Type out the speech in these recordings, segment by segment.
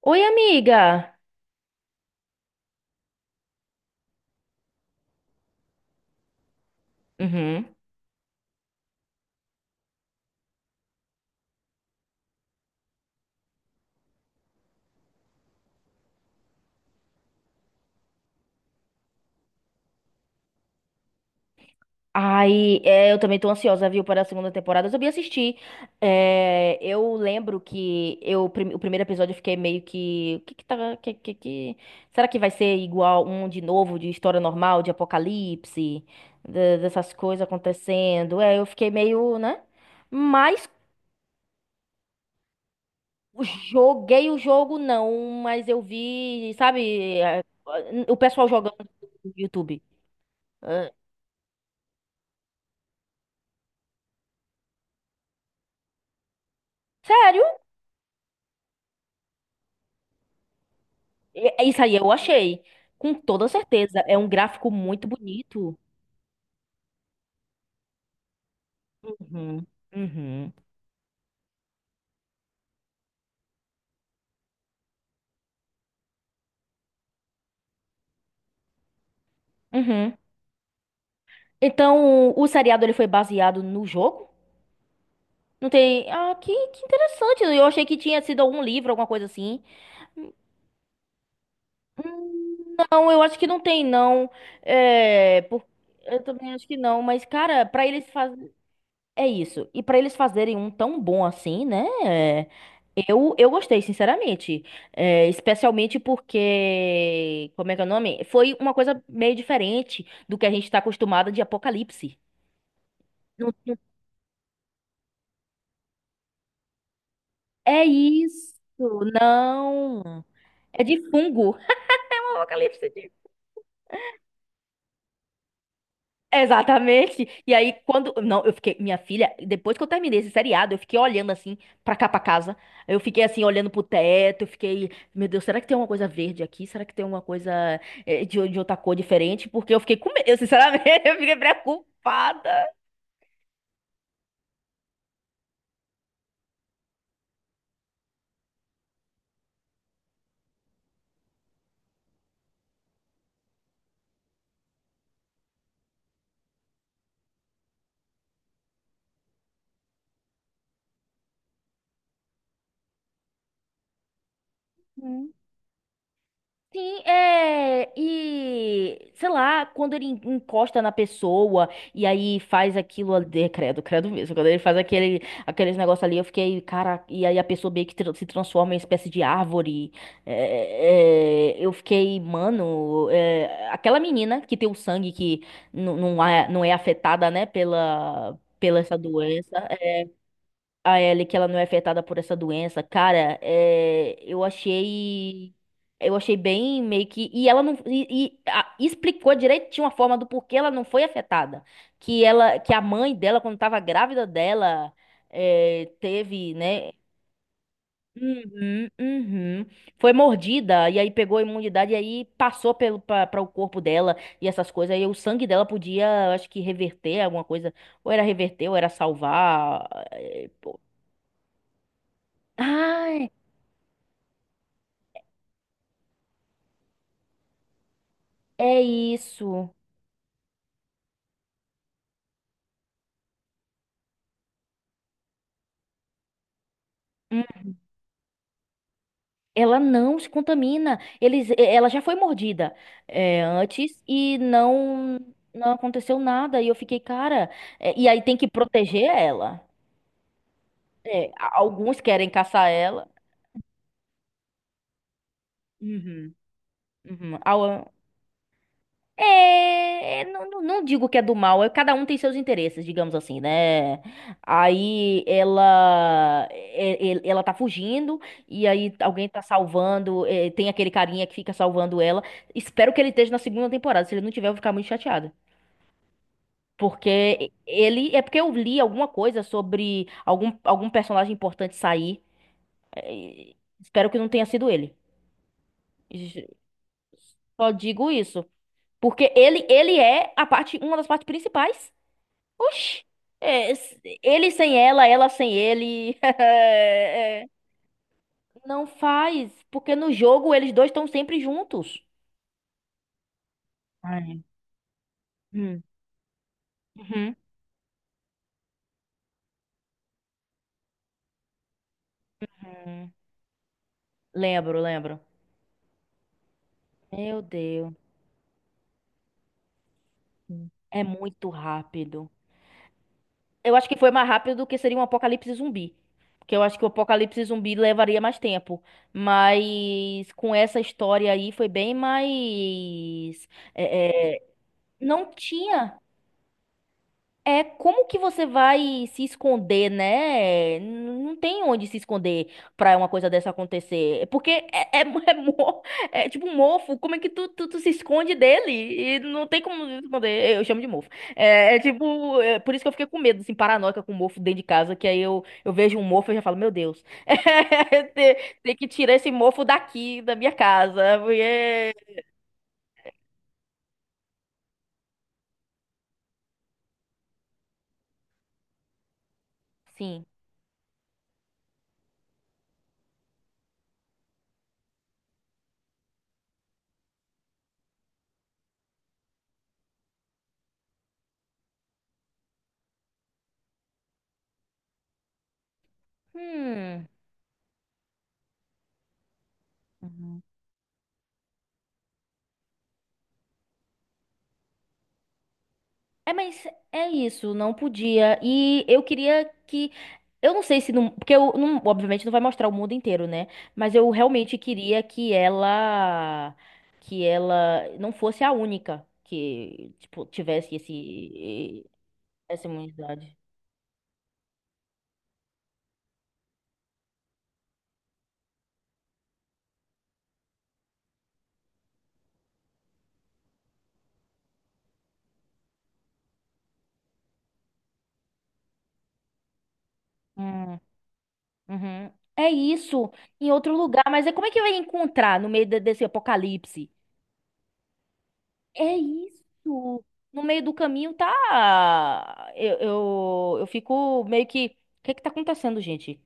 Oi, amiga! Uhum. Ai, é, eu também tô ansiosa, viu, para a segunda temporada. Eu também assistir. É, eu lembro que eu o primeiro episódio eu fiquei meio que. O que que tá. Será que vai ser igual um de novo, de história normal, de apocalipse, dessas coisas acontecendo? É, eu fiquei meio, né? Mas joguei o jogo, não. Mas eu vi, sabe, o pessoal jogando no YouTube. É, sério? É isso aí eu achei. Com toda certeza. É um gráfico muito bonito. Uhum, uhum, uhum. Então, o seriado ele foi baseado no jogo? Não tem. Ah, que interessante. Eu achei que tinha sido algum livro, alguma coisa assim. Hum, Não, eu acho que não tem, não. É, por... Eu também acho que não. Mas, cara, pra eles faz... É isso. E pra eles fazerem um tão bom assim, né? É. Eu gostei, sinceramente. É, especialmente porque. Como é que é o nome? Foi uma coisa meio diferente do que a gente tá acostumado de Apocalipse. Não- É isso. Não. É de fungo. Apocalipse. Exatamente. E aí, quando. Não, eu fiquei. Minha filha, depois que eu terminei esse seriado, eu fiquei olhando assim, pra cá, pra casa. Eu fiquei assim, olhando pro teto. Eu fiquei. Meu Deus, será que tem alguma coisa verde aqui? Será que tem alguma coisa de, outra cor diferente? Porque eu fiquei com medo. Eu, sinceramente, eu fiquei preocupada. Sim, é. E sei lá, quando ele encosta na pessoa e aí faz aquilo ali, é, credo, credo mesmo. Quando ele faz aquele, aqueles negócios ali, eu fiquei, cara, e aí a pessoa meio que se transforma em espécie de árvore. Eu fiquei, mano, é, aquela menina que tem o sangue que não é, afetada, né, pela essa doença, a Ellie, que ela não é afetada por essa doença, cara, é, eu achei. Eu achei bem meio que. E ela não. Explicou direitinho a forma do porquê ela não foi afetada. Que ela, que a mãe dela, quando tava grávida dela, é, teve, né? Uhum, uhum. Foi mordida, e aí pegou a imunidade, e aí passou para o corpo dela e essas coisas. Aí o sangue dela podia, eu acho que, reverter alguma coisa. Ou era reverter, ou era salvar. Pô. É isso. Hum, ela não se contamina. Ela já foi mordida, antes, e não aconteceu nada. E eu fiquei, cara. E aí tem que proteger ela. É, alguns querem caçar ela. Uhum, uhum. É, não, não digo que é do mal, é, cada um tem seus interesses, digamos assim, né? Aí ela tá fugindo e aí alguém tá salvando, é, tem aquele carinha que fica salvando ela. Espero que ele esteja na segunda temporada. Se ele não tiver, eu vou ficar muito chateada. Porque é porque eu li alguma coisa sobre algum personagem importante sair. Espero que não tenha sido ele. Só digo isso. Porque ele é a parte, uma das partes principais. Oxi, ele sem ela, ela sem ele. É, não faz, porque no jogo eles dois estão sempre juntos. Ai. Hum. Uhum. Uhum. Lembro, lembro. Meu Deus, é muito rápido. Eu acho que foi mais rápido do que seria um apocalipse zumbi. Porque eu acho que o apocalipse zumbi levaria mais tempo. Mas com essa história aí foi bem mais. é, é, não tinha. É como que você vai se esconder, né? Não tem onde se esconder pra uma coisa dessa acontecer. Porque é, é tipo um mofo. Como é que tu se esconde dele? E não tem como se esconder. Eu chamo de mofo. É tipo. É por isso que eu fiquei com medo, assim, paranoica com mofo dentro de casa. Que aí eu vejo um mofo e já falo, meu Deus. Tem que tirar esse mofo daqui, da minha casa. Porque. Sim. Hum. É, mas é isso, não podia. E eu queria que. Eu não sei se não. Porque eu não, obviamente não vai mostrar o mundo inteiro, né? Mas eu realmente queria que ela. Que ela não fosse a única que, tipo, tivesse essa imunidade. Hum, uhum. É isso, em outro lugar. Mas é como é que vai encontrar no meio desse apocalipse? É isso. No meio do caminho tá. Eu fico meio que. O que é que tá acontecendo, gente?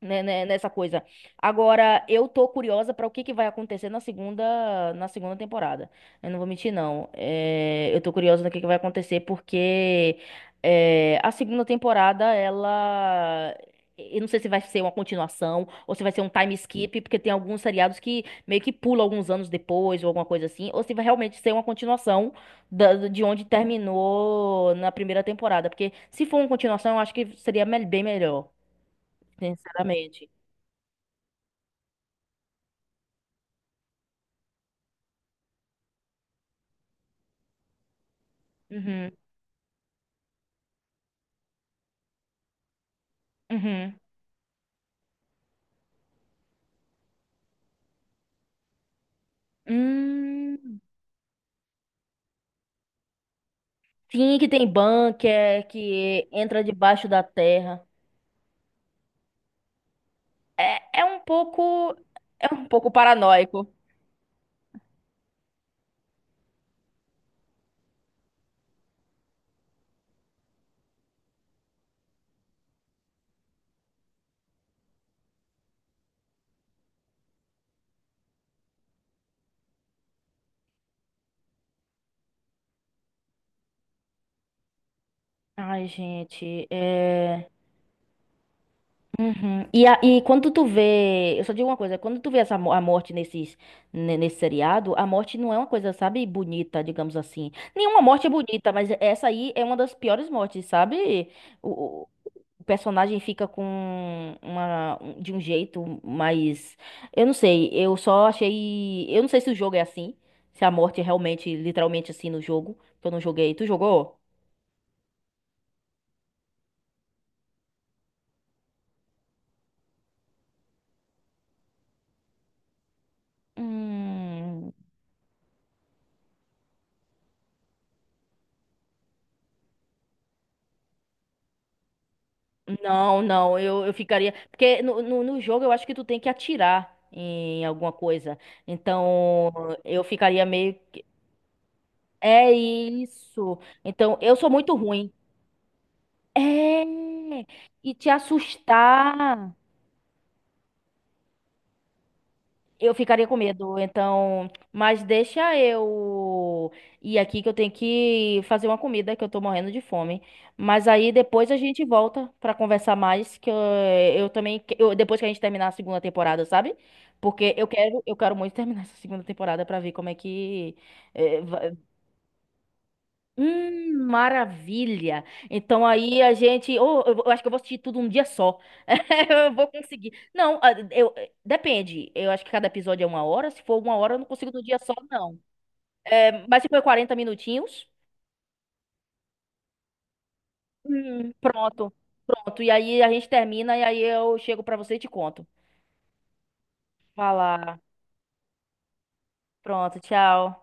Né, Nessa coisa. Agora, eu tô curiosa pra o que que vai acontecer na segunda temporada. Eu não vou mentir, não. É, eu tô curiosa do que vai acontecer, porque a segunda temporada, ela. Eu não sei se vai ser uma continuação ou se vai ser um time skip, porque tem alguns seriados que meio que pulam alguns anos depois ou alguma coisa assim, ou se vai realmente ser uma continuação de onde terminou na primeira temporada. Porque se for uma continuação, eu acho que seria bem melhor, sinceramente. Uhum, uhum. Hum, sim, que tem bunker, que entra debaixo da terra. É, é um pouco, é um pouco paranoico. Ai, gente, é. Uhum. E quando tu vê, eu só digo uma coisa, quando tu vê a morte nesse seriado, a morte não é uma coisa, sabe, bonita, digamos assim. Nenhuma morte é bonita, mas essa aí é uma das piores mortes, sabe? O, o- o personagem fica com de um jeito, mas eu não sei, eu só achei, eu não sei se o jogo é assim, se a morte é realmente, literalmente assim no jogo, que eu não joguei. Tu jogou? Hum. Não, não, eu ficaria. Porque no jogo eu acho que tu tem que atirar em alguma coisa. Então eu ficaria meio. É isso. Então eu sou muito ruim. É! E te assustar. Eu ficaria com medo, então, mas deixa eu ir aqui que eu tenho que fazer uma comida que eu tô morrendo de fome. Mas aí depois a gente volta pra conversar mais, que eu também, depois que a gente terminar a segunda temporada, sabe? Porque eu quero muito terminar essa segunda temporada pra ver como é que. Maravilha. Então aí a gente, oh, eu acho que eu vou assistir tudo um dia só. Eu vou conseguir. Não, ah, depende. Eu acho que cada episódio é uma hora. Se for uma hora, eu não consigo no dia só, não. É, mas se for 40 minutinhos, pronto, pronto. E aí a gente termina e aí eu chego pra você e te conto. Vai lá. Pronto, tchau.